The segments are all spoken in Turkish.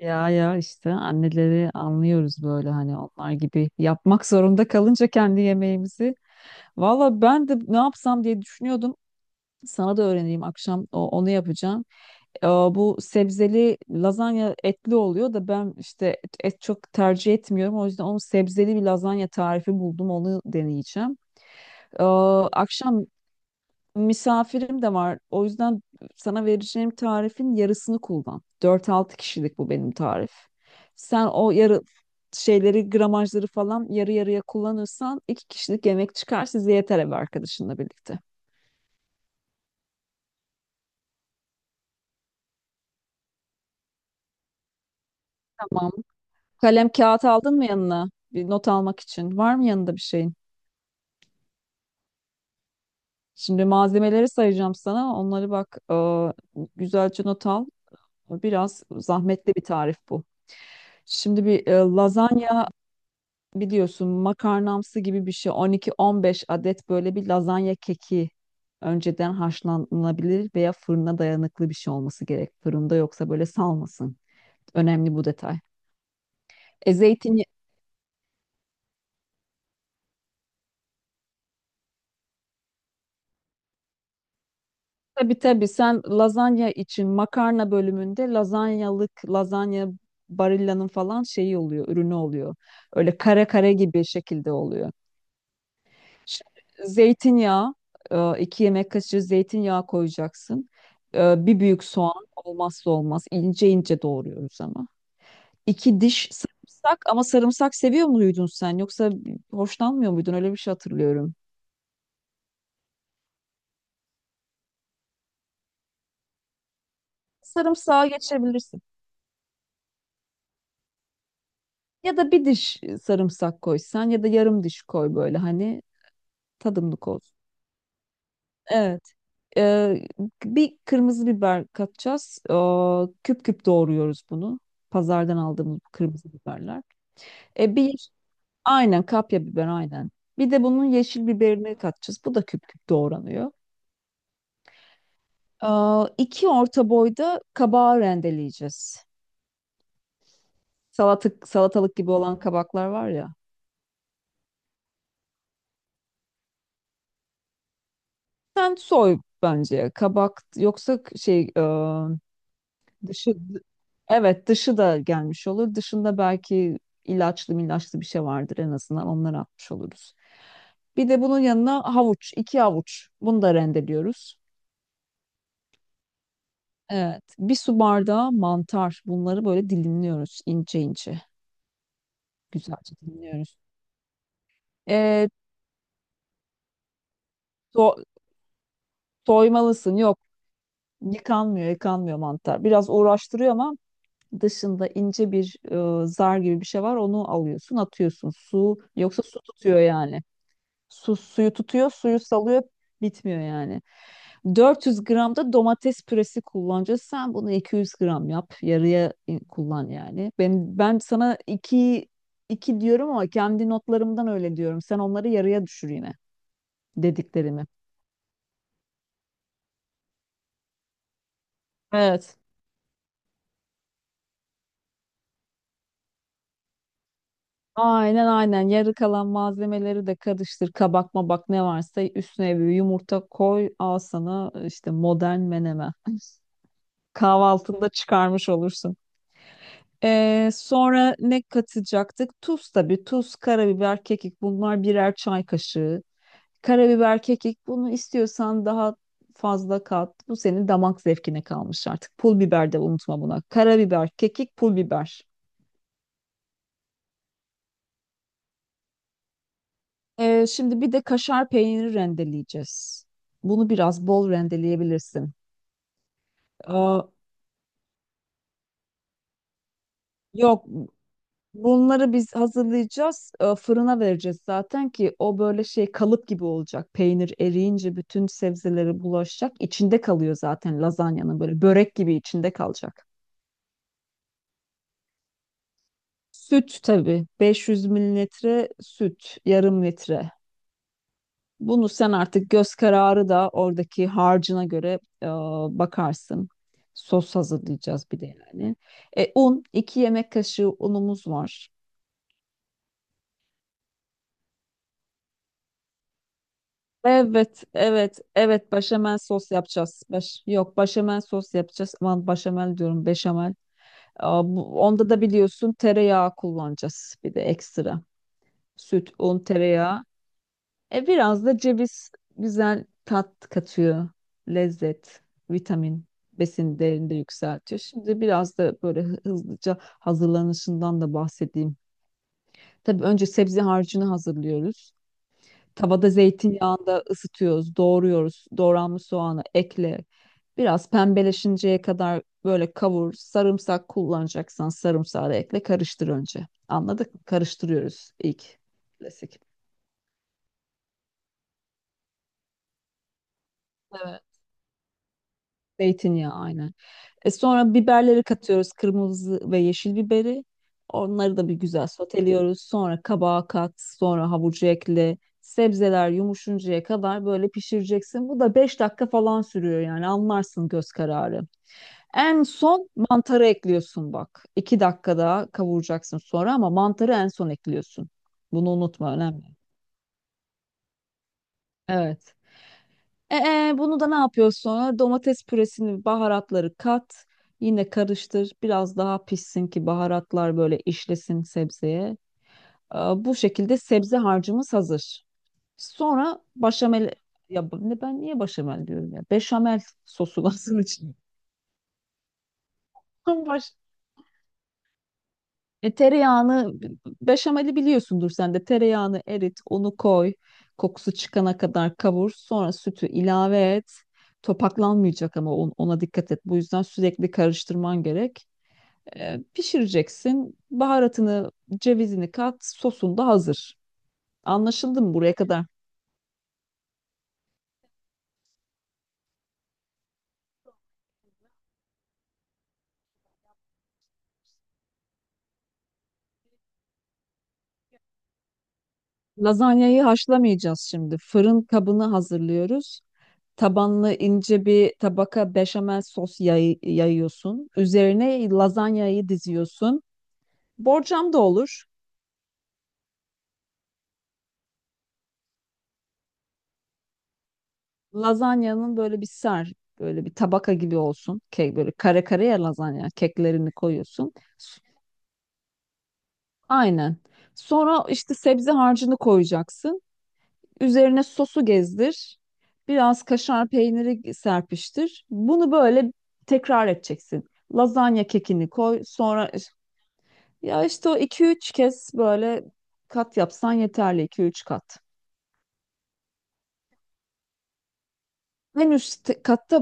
Ya işte anneleri anlıyoruz böyle hani onlar gibi yapmak zorunda kalınca kendi yemeğimizi. Valla ben de ne yapsam diye düşünüyordum. Sana da öğreneyim akşam onu yapacağım. Bu sebzeli lazanya etli oluyor da ben işte et çok tercih etmiyorum. O yüzden onun sebzeli bir lazanya tarifi buldum onu deneyeceğim. Ee, Akşam misafirim de var. O yüzden sana vereceğim tarifin yarısını kullan. Dört altı kişilik bu benim tarif. Sen o yarı şeyleri, gramajları falan yarı yarıya kullanırsan iki kişilik yemek çıkar size yeter ev arkadaşınla birlikte. Tamam. Kalem kağıt aldın mı yanına? Bir not almak için. Var mı yanında bir şeyin? Şimdi malzemeleri sayacağım sana. Onları bak güzelce not al. Biraz zahmetli bir tarif bu. Şimdi bir lazanya biliyorsun makarnamsı gibi bir şey 12-15 adet böyle bir lazanya keki önceden haşlanabilir veya fırına dayanıklı bir şey olması gerek. Fırında yoksa böyle salmasın. Önemli bu detay. E zeytinyağı, tabii sen lazanya için makarna bölümünde lazanyalık lazanya Barilla'nın falan şeyi oluyor, ürünü oluyor. Öyle kare kare gibi şekilde oluyor. Şimdi zeytinyağı, iki yemek kaşığı zeytinyağı koyacaksın. Bir büyük soğan olmazsa olmaz. İnce ince doğruyoruz ama. İki diş sarımsak ama sarımsak seviyor muydun sen? Yoksa hoşlanmıyor muydun? Öyle bir şey hatırlıyorum. Sarımsağa geçebilirsin. Ya da bir diş sarımsak koysan ya da yarım diş koy böyle hani tadımlık olsun. Evet. e, Bir kırmızı biber katacağız. Küp küp doğruyoruz bunu. Pazardan aldığımız bu kırmızı biberler. E bir yeş- aynen, kapya biber aynen. Bir de bunun yeşil biberini katacağız. Bu da küp küp doğranıyor. İki orta boyda kabağı rendeleyeceğiz. Salatalık gibi olan kabaklar var ya. Sen soy bence kabak yoksa dışı, evet, dışı da gelmiş olur. Dışında belki ilaçlı bir şey vardır en azından onları atmış oluruz. Bir de bunun yanına havuç, iki havuç. Bunu da rendeliyoruz. Evet. Bir su bardağı mantar. Bunları böyle dilimliyoruz ince ince. Güzelce dilimliyoruz. Ee, so- Soymalısın. Yok. Yıkanmıyor mantar. Biraz uğraştırıyor ama dışında ince bir zar gibi bir şey var. Onu alıyorsun, atıyorsun. Su yoksa su tutuyor yani. Suyu tutuyor, suyu salıyor, bitmiyor yani. 400 gram da domates püresi kullanacağız. Sen bunu 200 gram yap, kullan yani. Ben sana iki diyorum ama kendi notlarımdan öyle diyorum. Sen onları yarıya düşür yine dediklerimi. Evet. Aynen. Yarı kalan malzemeleri de karıştır. Kabak mabak ne varsa üstüne bir yumurta koy. Al sana işte modern menemen. Kahvaltında çıkarmış olursun. Sonra ne katacaktık? Tuz tabii. Tuz, karabiber, kekik bunlar birer çay kaşığı. Karabiber, kekik bunu istiyorsan daha fazla kat. Bu senin damak zevkine kalmış artık. Pul biber de unutma buna. Karabiber, kekik, pul biber. Şimdi bir de kaşar peyniri rendeleyeceğiz. Bunu biraz bol rendeleyebilirsin. Aa, Yok, bunları biz hazırlayacağız, fırına vereceğiz zaten ki o böyle şey kalıp gibi olacak. Peynir eriyince bütün sebzeleri bulaşacak. İçinde kalıyor zaten lazanyanın böyle börek gibi içinde kalacak. Süt tabii 500 mililitre süt, yarım litre. Bunu sen artık göz kararı da oradaki harcına göre bakarsın. Sos hazırlayacağız bir de yani. Un, 2 yemek kaşığı unumuz var. Evet. Başamel sos yapacağız. Baş, yok, başamel sos yapacağız. Aman başamel diyorum, beşamel. Onda da biliyorsun tereyağı kullanacağız. Bir de ekstra. Süt, un, tereyağı. E biraz da ceviz güzel tat katıyor. Lezzet, vitamin, besin değerini de yükseltiyor. Şimdi biraz da böyle hızlıca hazırlanışından da bahsedeyim. Tabii önce sebze harcını hazırlıyoruz. Tavada zeytinyağında ısıtıyoruz, doğruyoruz. Doğranmış soğanı ekle. Biraz pembeleşinceye kadar böyle kavur. Sarımsak kullanacaksan sarımsağı da ekle. Karıştır önce. Anladık mı? Karıştırıyoruz ilk. Klasik. Evet. Zeytinyağı aynen. E sonra biberleri katıyoruz. Kırmızı ve yeşil biberi. Onları da bir güzel soteliyoruz. Sonra kabağa kat, sonra havucu ekle. Sebzeler yumuşuncaya kadar böyle pişireceksin. Bu da 5 dakika falan sürüyor yani anlarsın göz kararı. En son mantarı ekliyorsun bak. İki dakika daha kavuracaksın sonra ama mantarı en son ekliyorsun. Bunu unutma önemli. Evet. Bunu da ne yapıyorsun sonra? Domates püresini, baharatları kat. Yine karıştır. Biraz daha pişsin ki baharatlar böyle işlesin sebzeye. Bu şekilde sebze harcımız hazır. Sonra başamel... Ne ben niye başamel diyorum ya? Beşamel sosu lazım için. Baş... Tereyağını, beşameli biliyorsundur sen de. Tereyağını erit, onu koy. Kokusu çıkana kadar kavur. Sonra sütü ilave et. Topaklanmayacak ama ona dikkat et. Bu yüzden sürekli karıştırman gerek. Pişireceksin. Baharatını, cevizini kat. Sosun da hazır. Anlaşıldı mı buraya kadar? Lazanyayı haşlamayacağız şimdi. Fırın kabını hazırlıyoruz. Tabanlı ince bir tabaka beşamel sos yayıyorsun. Üzerine lazanyayı diziyorsun. Borcam da olur. Lazanyanın böyle bir ser, Böyle bir tabaka gibi olsun. Kek böyle kare kare ya lazanya. Keklerini koyuyorsun. S- Aynen. Sonra işte sebze harcını koyacaksın. Üzerine sosu gezdir. Biraz kaşar peyniri serpiştir. Bunu böyle tekrar edeceksin. Lazanya kekini koy. Sonra ya işte o iki üç kez böyle kat yapsan yeterli iki üç kat. Katta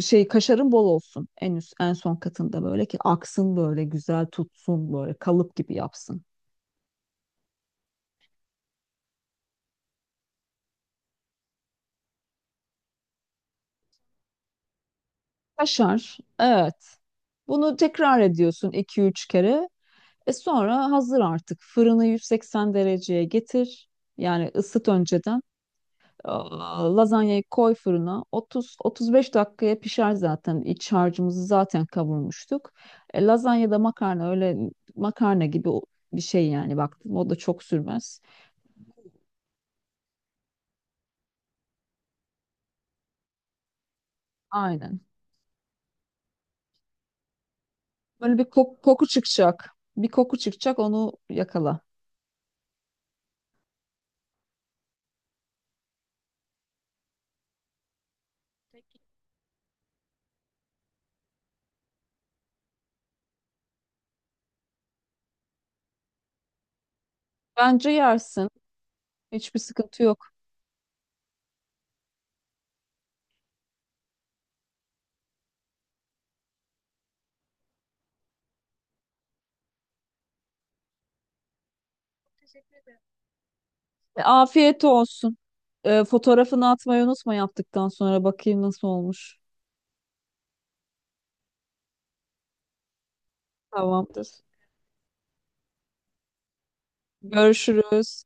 şey kaşarın bol olsun. En üst en son katında böyle ki aksın böyle güzel tutsun böyle kalıp gibi yapsın. Kaşar. Evet. Bunu tekrar ediyorsun iki üç kere. E sonra hazır artık. Fırını 180 dereceye getir. Yani ısıt önceden. Lazanyayı koy fırına. 30-35 dakikaya pişer zaten. İç harcımızı zaten kavurmuştuk. Lazanya da makarna öyle makarna gibi bir şey yani baktım. O da çok sürmez. Aynen. Böyle bir koku çıkacak. Bir koku çıkacak onu yakala. Bence yersin. Hiçbir sıkıntı yok. Afiyet olsun. Fotoğrafını atmayı unutma yaptıktan sonra bakayım nasıl olmuş. Tamamdır. Görüşürüz.